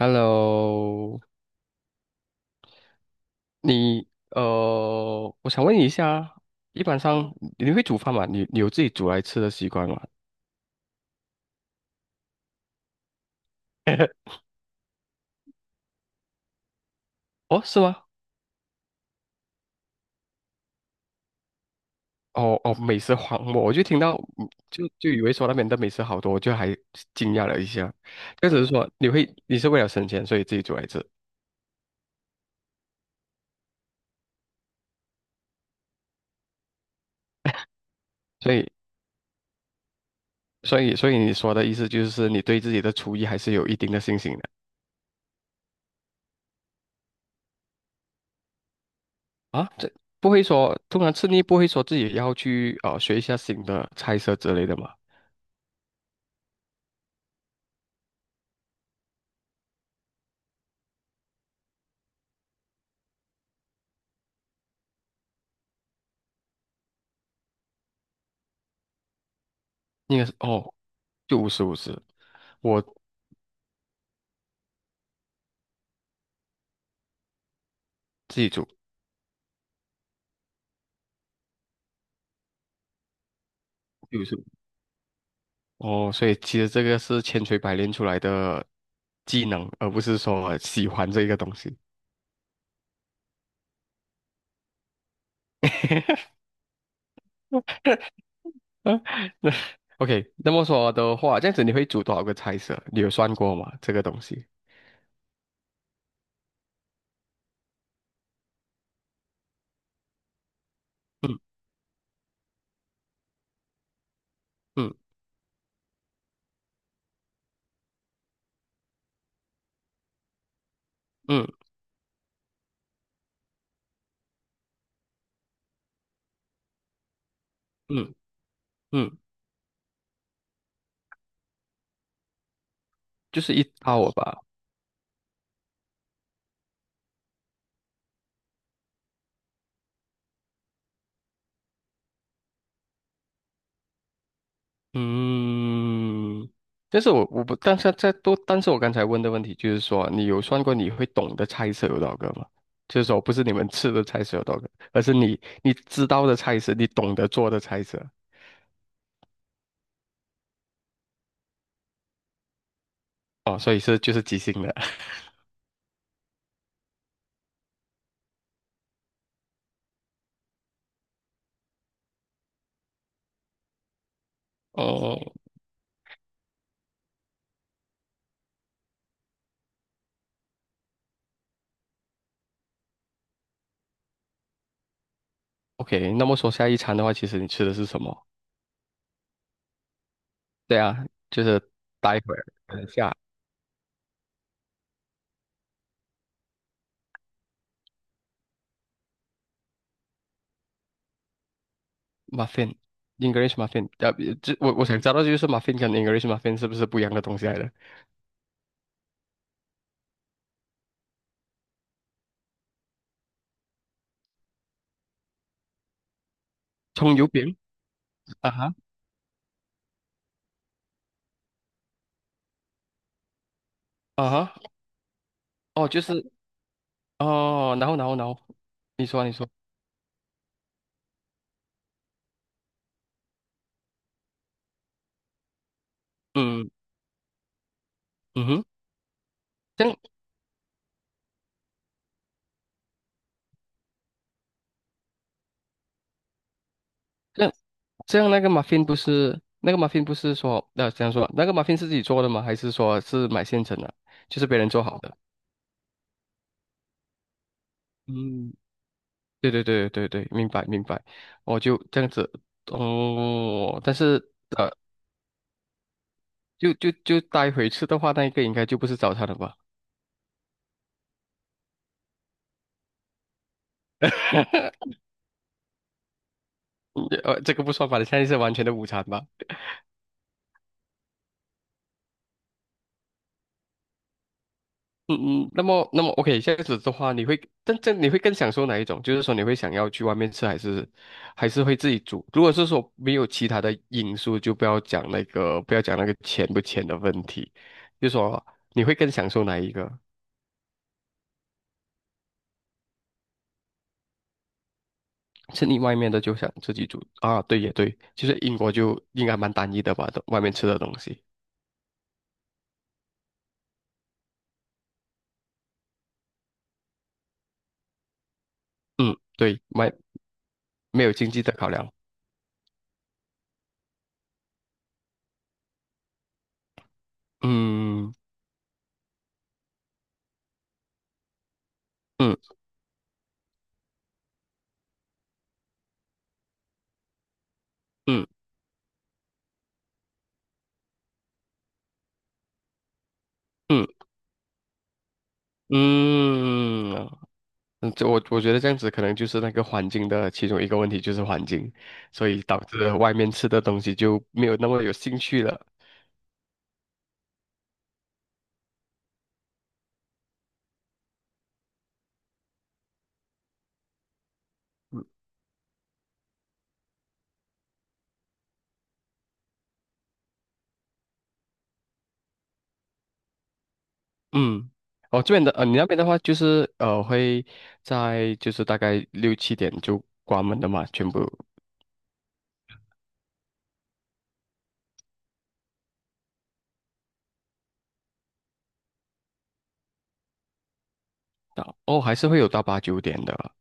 Hello，你我想问你一下，一般上你会煮饭吗？你有自己煮来吃的习惯吗？哦，是吗？哦哦，美食荒漠，我就听到。就以为说那边的美食好多，我就还惊讶了一下。就只是说你会，你是为了省钱，所以自己煮来吃，所以所以你说的意思就是你对自己的厨艺还是有一定的信心的。啊？这不会说，通常吃腻不会说自己要去学一下新的菜色之类的吗？应该是哦，就五十五十。我自己煮就五十五。哦，所以其实这个是千锤百炼出来的技能，而不是说喜欢这个东西。嗯那 OK,那么说的话，这样子你会煮多少个菜色？你有算过吗？这个东西？嗯嗯嗯嗯嗯。就是一套吧。嗯，但是我不，但是在多，但是我刚才问的问题就是说，你有算过你会懂的菜色有多少个吗？就是说，不是你们吃的菜色有多少个，而是你你知道的菜色，你懂得做的菜色。哦，所以是就是即兴的。哦，OK,那么说下一餐的话，其实你吃的是什么？对啊。就是待会儿等一下 muffin English muffin,这我我想知道就是 muffin 跟 English muffin 是不是不一样的东西来的？葱油饼，啊哈。啊哈，哦，就是。哦，然后，你说，嗯嗯哼。这样这样这样那个 m u 不是那个 m u 不是说这样说那个 m u 是自己做的吗？还是说是买现成的，就是别人做好的？嗯，对对对对对，明白明白。我就这样子哦，但是呃就待会吃的话，那一个应该就不是早餐了吧？这个不算吧，现在是完全的午餐吧？嗯嗯，那么 OK,这样子的话，你会更享受哪一种？就是说你会想要去外面吃，还是还是会自己煮？如果是说没有其他的因素，就不要讲那个钱不钱的问题，就说你会更享受哪一个？是你外面的就想自己煮啊？对也对，其实英国就应该蛮单一的吧，都外面吃的东西。嗯，对，外没有经济的考量。嗯嗯嗯嗯嗯。嗯，这我觉得这样子可能就是那个环境的其中一个问题，就是环境，所以导致外面吃的东西就没有那么有兴趣了。嗯，哦，这边的你那边的话就是会在就是大概六七点就关门的嘛，全部到哦还是会有到八九点的。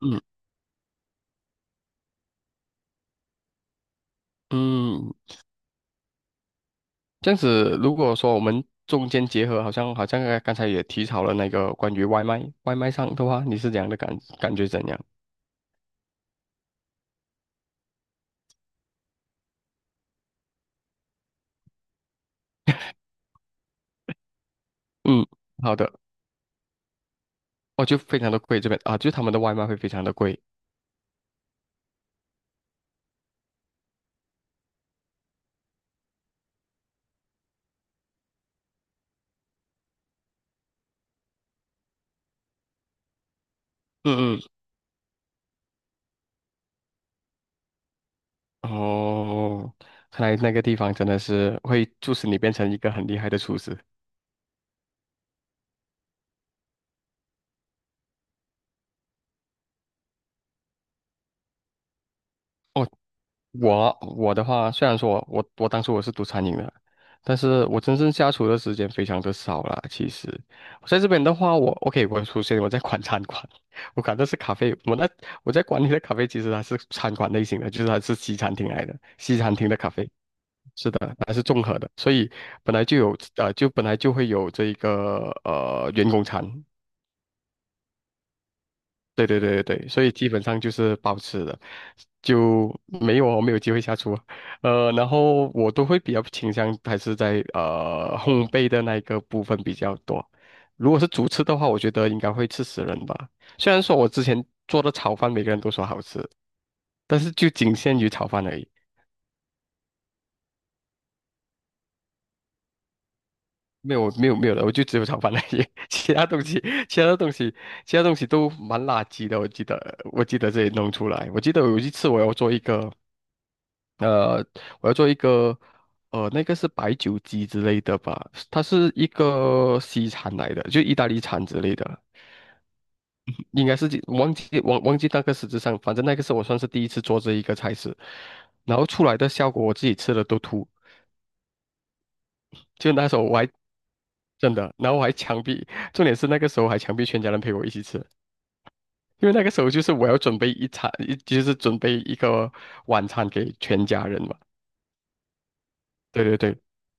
嗯嗯，这样子如果说我们中间结合，好像好像刚才也提到了那个关于外卖上的话，你是怎样的感觉怎样？嗯，好的。哦，就非常的贵这边啊，就他们的外卖会非常的贵。嗯嗯，哦，看来那个地方真的是会促使你变成一个很厉害的厨师。哦，我我的话，虽然说我当初我是读餐饮的，但是我真正下厨的时间非常的少啦。其实我在这边的话，我 OK,我首先我在管餐馆，我管的是咖啡，我在管理的咖啡其实它是餐馆类型的，就是它是西餐厅来的，西餐厅的咖啡。是的，还是综合的，所以本来就有就本来就会有这一个员工餐，对对对对对，所以基本上就是包吃的，就没有我没有机会下厨。然后我都会比较倾向还是在烘焙的那一个部分比较多。如果是主吃的话，我觉得应该会吃死人吧。虽然说我之前做的炒饭每个人都说好吃，但是就仅限于炒饭而已。没有没有没有的，我就只有炒饭那些，其他东西其他东西都蛮垃圾的，我记得这里弄出来，我记得有一次呃我要做一个那个是白酒鸡之类的吧，它是一个西餐来的，就意大利餐之类的。应该是忘记那个实质上，反正那个是我算是第一次做这一个菜式，然后出来的效果我自己吃了都吐。就那时候我还真的。然后我还强逼，重点是那个时候还强逼全家人陪我一起吃，因为那个时候就是我要准备一餐，就是准备一个晚餐给全家人嘛。对对对。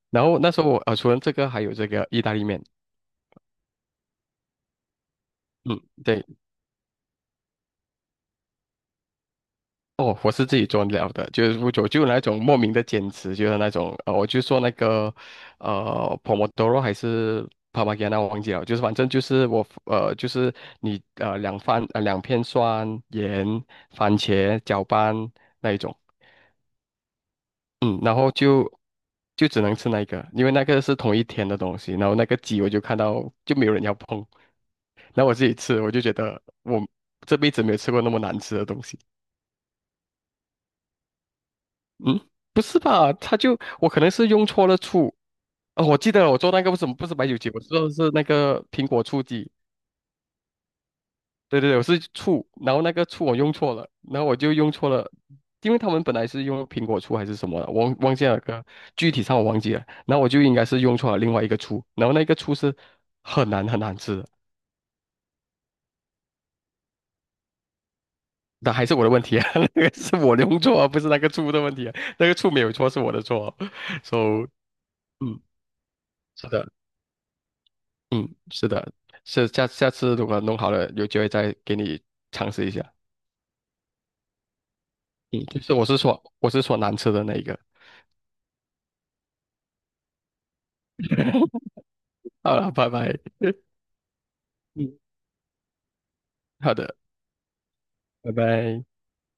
然后那时候我除了这个还有这个意大利面，嗯，对。哦，我是自己做了的，就是我就那种莫名的坚持，就是那种我就做那个Pomodoro 还是 p a r m g a n a 我忘记了，就是反正就是我就是你两片蒜盐番茄搅拌那一种。嗯，然后就只能吃那个，因为那个是同一天的东西，然后那个鸡我就看到就没有人要碰，然后我自己吃，我就觉得我这辈子没有吃过那么难吃的东西。嗯，不是吧？他就我可能是用错了醋。哦，我记得了我做那个为什么不是白酒鸡，我做的是那个苹果醋鸡。对对对，我是醋，然后那个醋我用错了，然后我就用错了，因为他们本来是用苹果醋还是什么的，我忘记了个具体上我忘记了，然后我就应该是用错了另外一个醋，然后那个醋是很难很难吃的，那还是我的问题啊。那个是我用错啊，不是那个醋的问题啊，那个醋没有错是我的错啊，so 嗯，是的。嗯，是的，是下次如果弄好了，有机会再给你尝试一下。嗯，就是我是说我是说难吃的那一个。好了，拜拜。嗯，好的，拜拜。